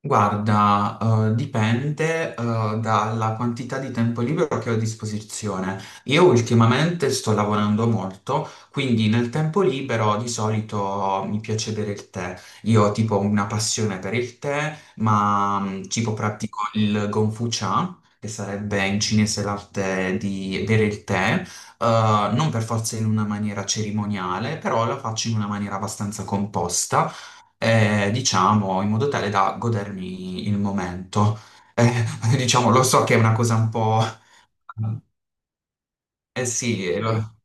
Guarda, dipende, dalla quantità di tempo libero che ho a disposizione. Io ultimamente sto lavorando molto, quindi nel tempo libero di solito mi piace bere il tè. Io ho tipo una passione per il tè, ma tipo pratico il Gongfu Cha, che sarebbe in cinese l'arte di bere il tè, non per forza in una maniera cerimoniale, però la faccio in una maniera abbastanza composta diciamo, in modo tale da godermi il momento. Eh, diciamo, lo so che è una cosa un po'... Eh sì,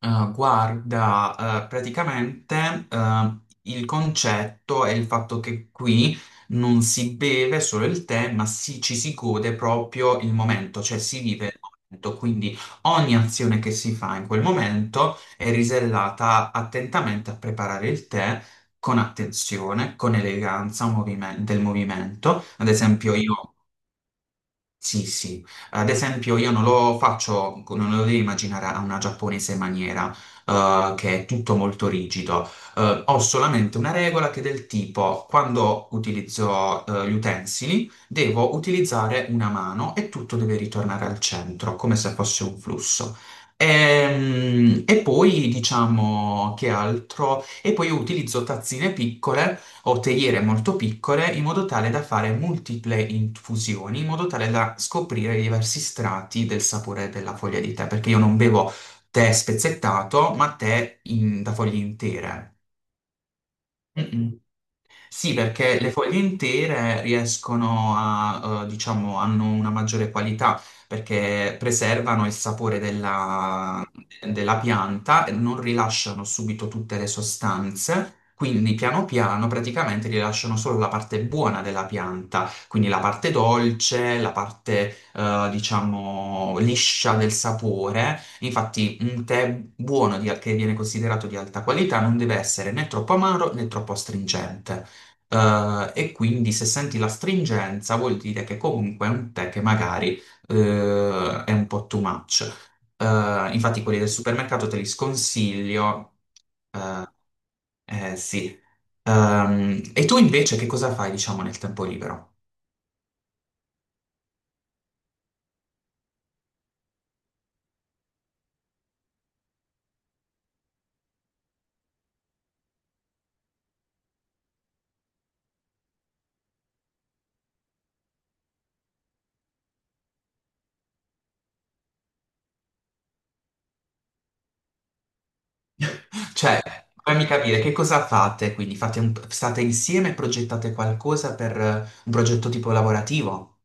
Guarda, praticamente il concetto è il fatto che qui non si beve solo il tè, ci si gode proprio il momento, cioè si vive il momento, quindi ogni azione che si fa in quel momento è risellata attentamente a preparare il tè con attenzione, con del movimento. Ad esempio, io sì, sì. Ad esempio, io non lo faccio, non lo devi immaginare a una giapponese maniera, che è tutto molto rigido. Ho solamente una regola che è del tipo, quando utilizzo, gli utensili, devo utilizzare una mano e tutto deve ritornare al centro, come se fosse un flusso. E poi diciamo che altro? E poi io utilizzo tazzine piccole o teiere molto piccole in modo tale da fare multiple infusioni, in modo tale da scoprire i diversi strati del sapore della foglia di tè, perché io non bevo tè spezzettato, ma da foglie intere. Mm-mm. Sì, perché le foglie intere riescono a, diciamo, hanno una maggiore qualità perché preservano il sapore della pianta e non rilasciano subito tutte le sostanze. Quindi piano piano praticamente rilasciano solo la parte buona della pianta, quindi la parte dolce, la parte, diciamo, liscia del sapore. Infatti, un tè che viene considerato di alta qualità non deve essere né troppo amaro né troppo astringente. E quindi se senti la stringenza vuol dire che comunque è un tè che magari è un po' too much. Infatti quelli del supermercato te li sconsiglio. Eh, sì. E tu invece che cosa fai, diciamo, nel tempo libero? Cioè, fammi capire che cosa fate, quindi state insieme e progettate qualcosa per un progetto tipo lavorativo?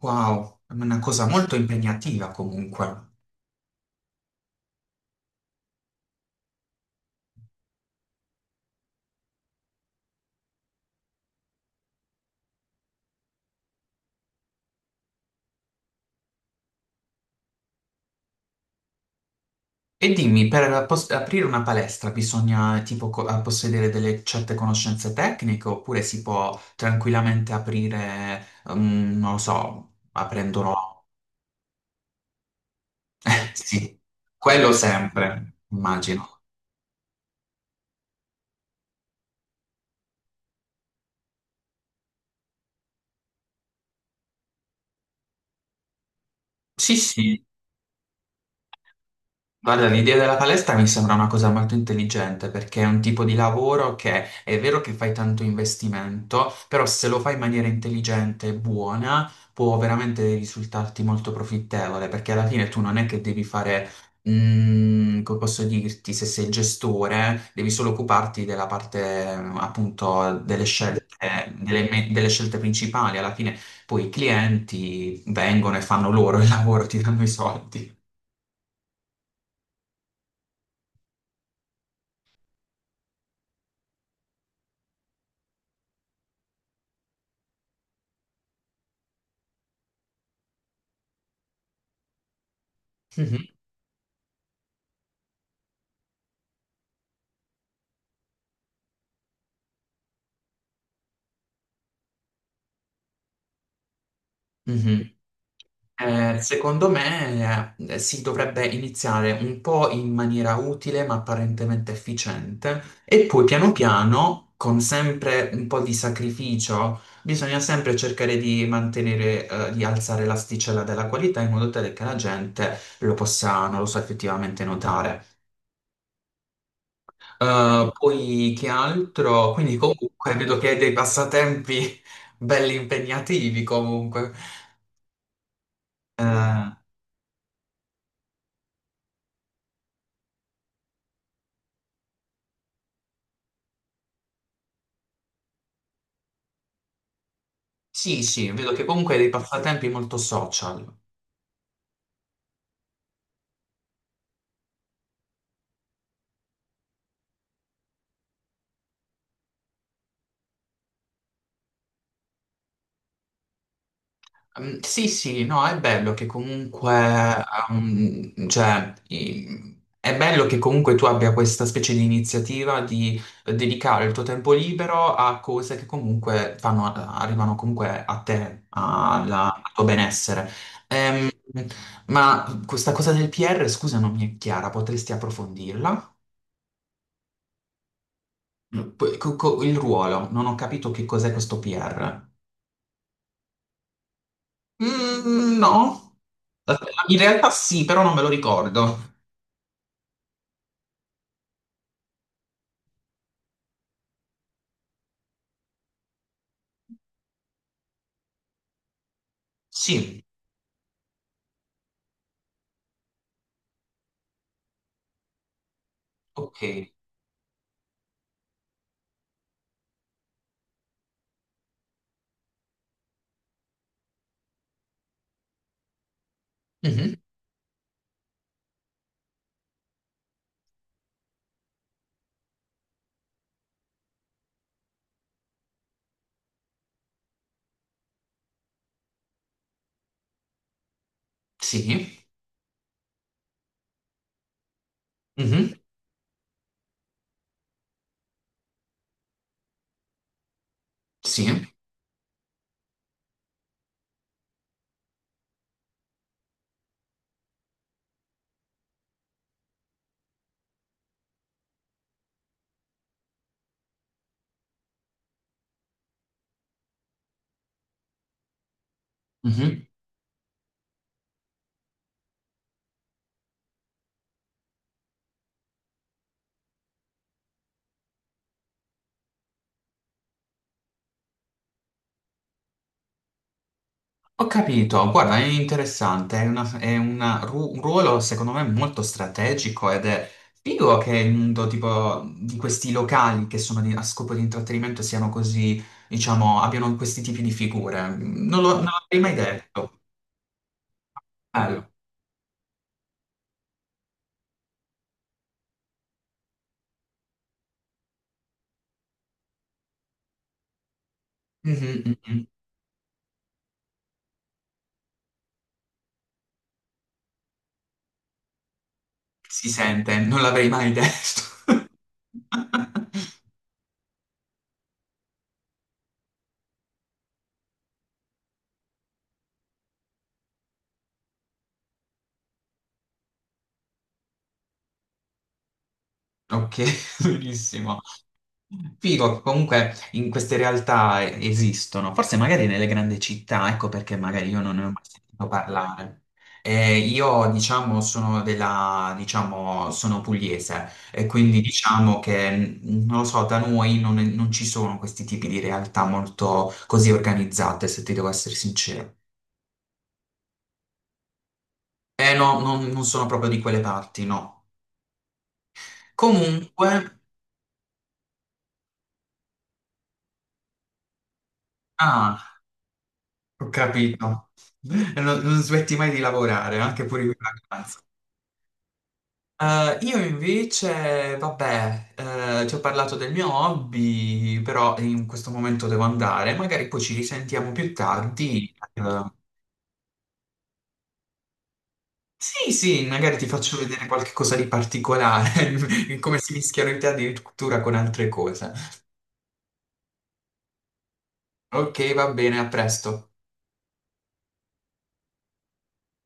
Wow, è una cosa molto impegnativa comunque. E dimmi, aprire una palestra bisogna possedere delle certe conoscenze tecniche oppure si può tranquillamente aprire, mm, non lo so, aprendolo... Sì, quello sempre, immagino. Sì, sì. Guarda, l'idea della palestra mi sembra una cosa molto intelligente perché è un tipo di lavoro che è vero che fai tanto investimento, però se lo fai in maniera intelligente e buona può veramente risultarti molto profittevole perché alla fine tu non è che devi fare, mm, come posso dirti, se sei il gestore, devi solo occuparti della parte eh, appunto delle scelte, delle scelte principali. Alla fine poi i clienti vengono e fanno loro il lavoro, ti danno i soldi. Mhm, mhm. Secondo me, si dovrebbe iniziare un po' in maniera utile ma apparentemente efficiente e poi piano piano, con sempre un po' di sacrificio, bisogna sempre cercare di mantenere, di alzare l'asticella della qualità in modo tale che la gente lo possa, non lo so, effettivamente notare. Poi che altro? Quindi comunque vedo che hai dei passatempi belli impegnativi comunque. Eh, Sì, sì, vedo che comunque hai dei passatempi molto social. Mm, sì, sì, no, è bello che comunque, è bello che comunque tu abbia questa specie di iniziativa di dedicare il tuo tempo libero a cose che comunque fanno, arrivano comunque a te, al tuo benessere. Ehm, ma questa cosa del PR, scusa, non mi è chiara, potresti approfondirla? Mm, poi, il ruolo, non ho capito che cos'è questo PR. Mm, no, aspetta, in realtà sì, però non me lo ricordo. Sì, ok. Mhm, sì, mhm, sì. Mhm. Ho capito, guarda, è interessante, è, è un ruolo secondo me molto strategico ed è figo che il mondo tipo di questi locali che sono a scopo di intrattenimento siano così, diciamo, abbiano questi tipi di figure. Non l'avrei mai detto. Bello. Mhm, mhm. Si sente, non l'avrei mai detto. Ok, benissimo. Figo, che comunque in queste realtà esistono, forse magari nelle grandi città, ecco perché magari io non ne ho mai sentito parlare. Io, diciamo, sono diciamo, sono pugliese e quindi diciamo che, mm, non lo so, da noi non ci sono questi tipi di realtà molto così organizzate, se ti devo essere sincero. Eh no, non sono proprio di quelle parti, no. Comunque, ah, ho capito. Non smetti mai di lavorare, anche pure in vacanza. Io invece, vabbè, ti ho parlato del mio hobby, però in questo momento devo andare. Magari poi ci risentiamo più tardi. Sì, sì, magari ti faccio vedere qualche cosa di particolare, come si mischiano in te addirittura con altre cose. Ok, va bene, a presto.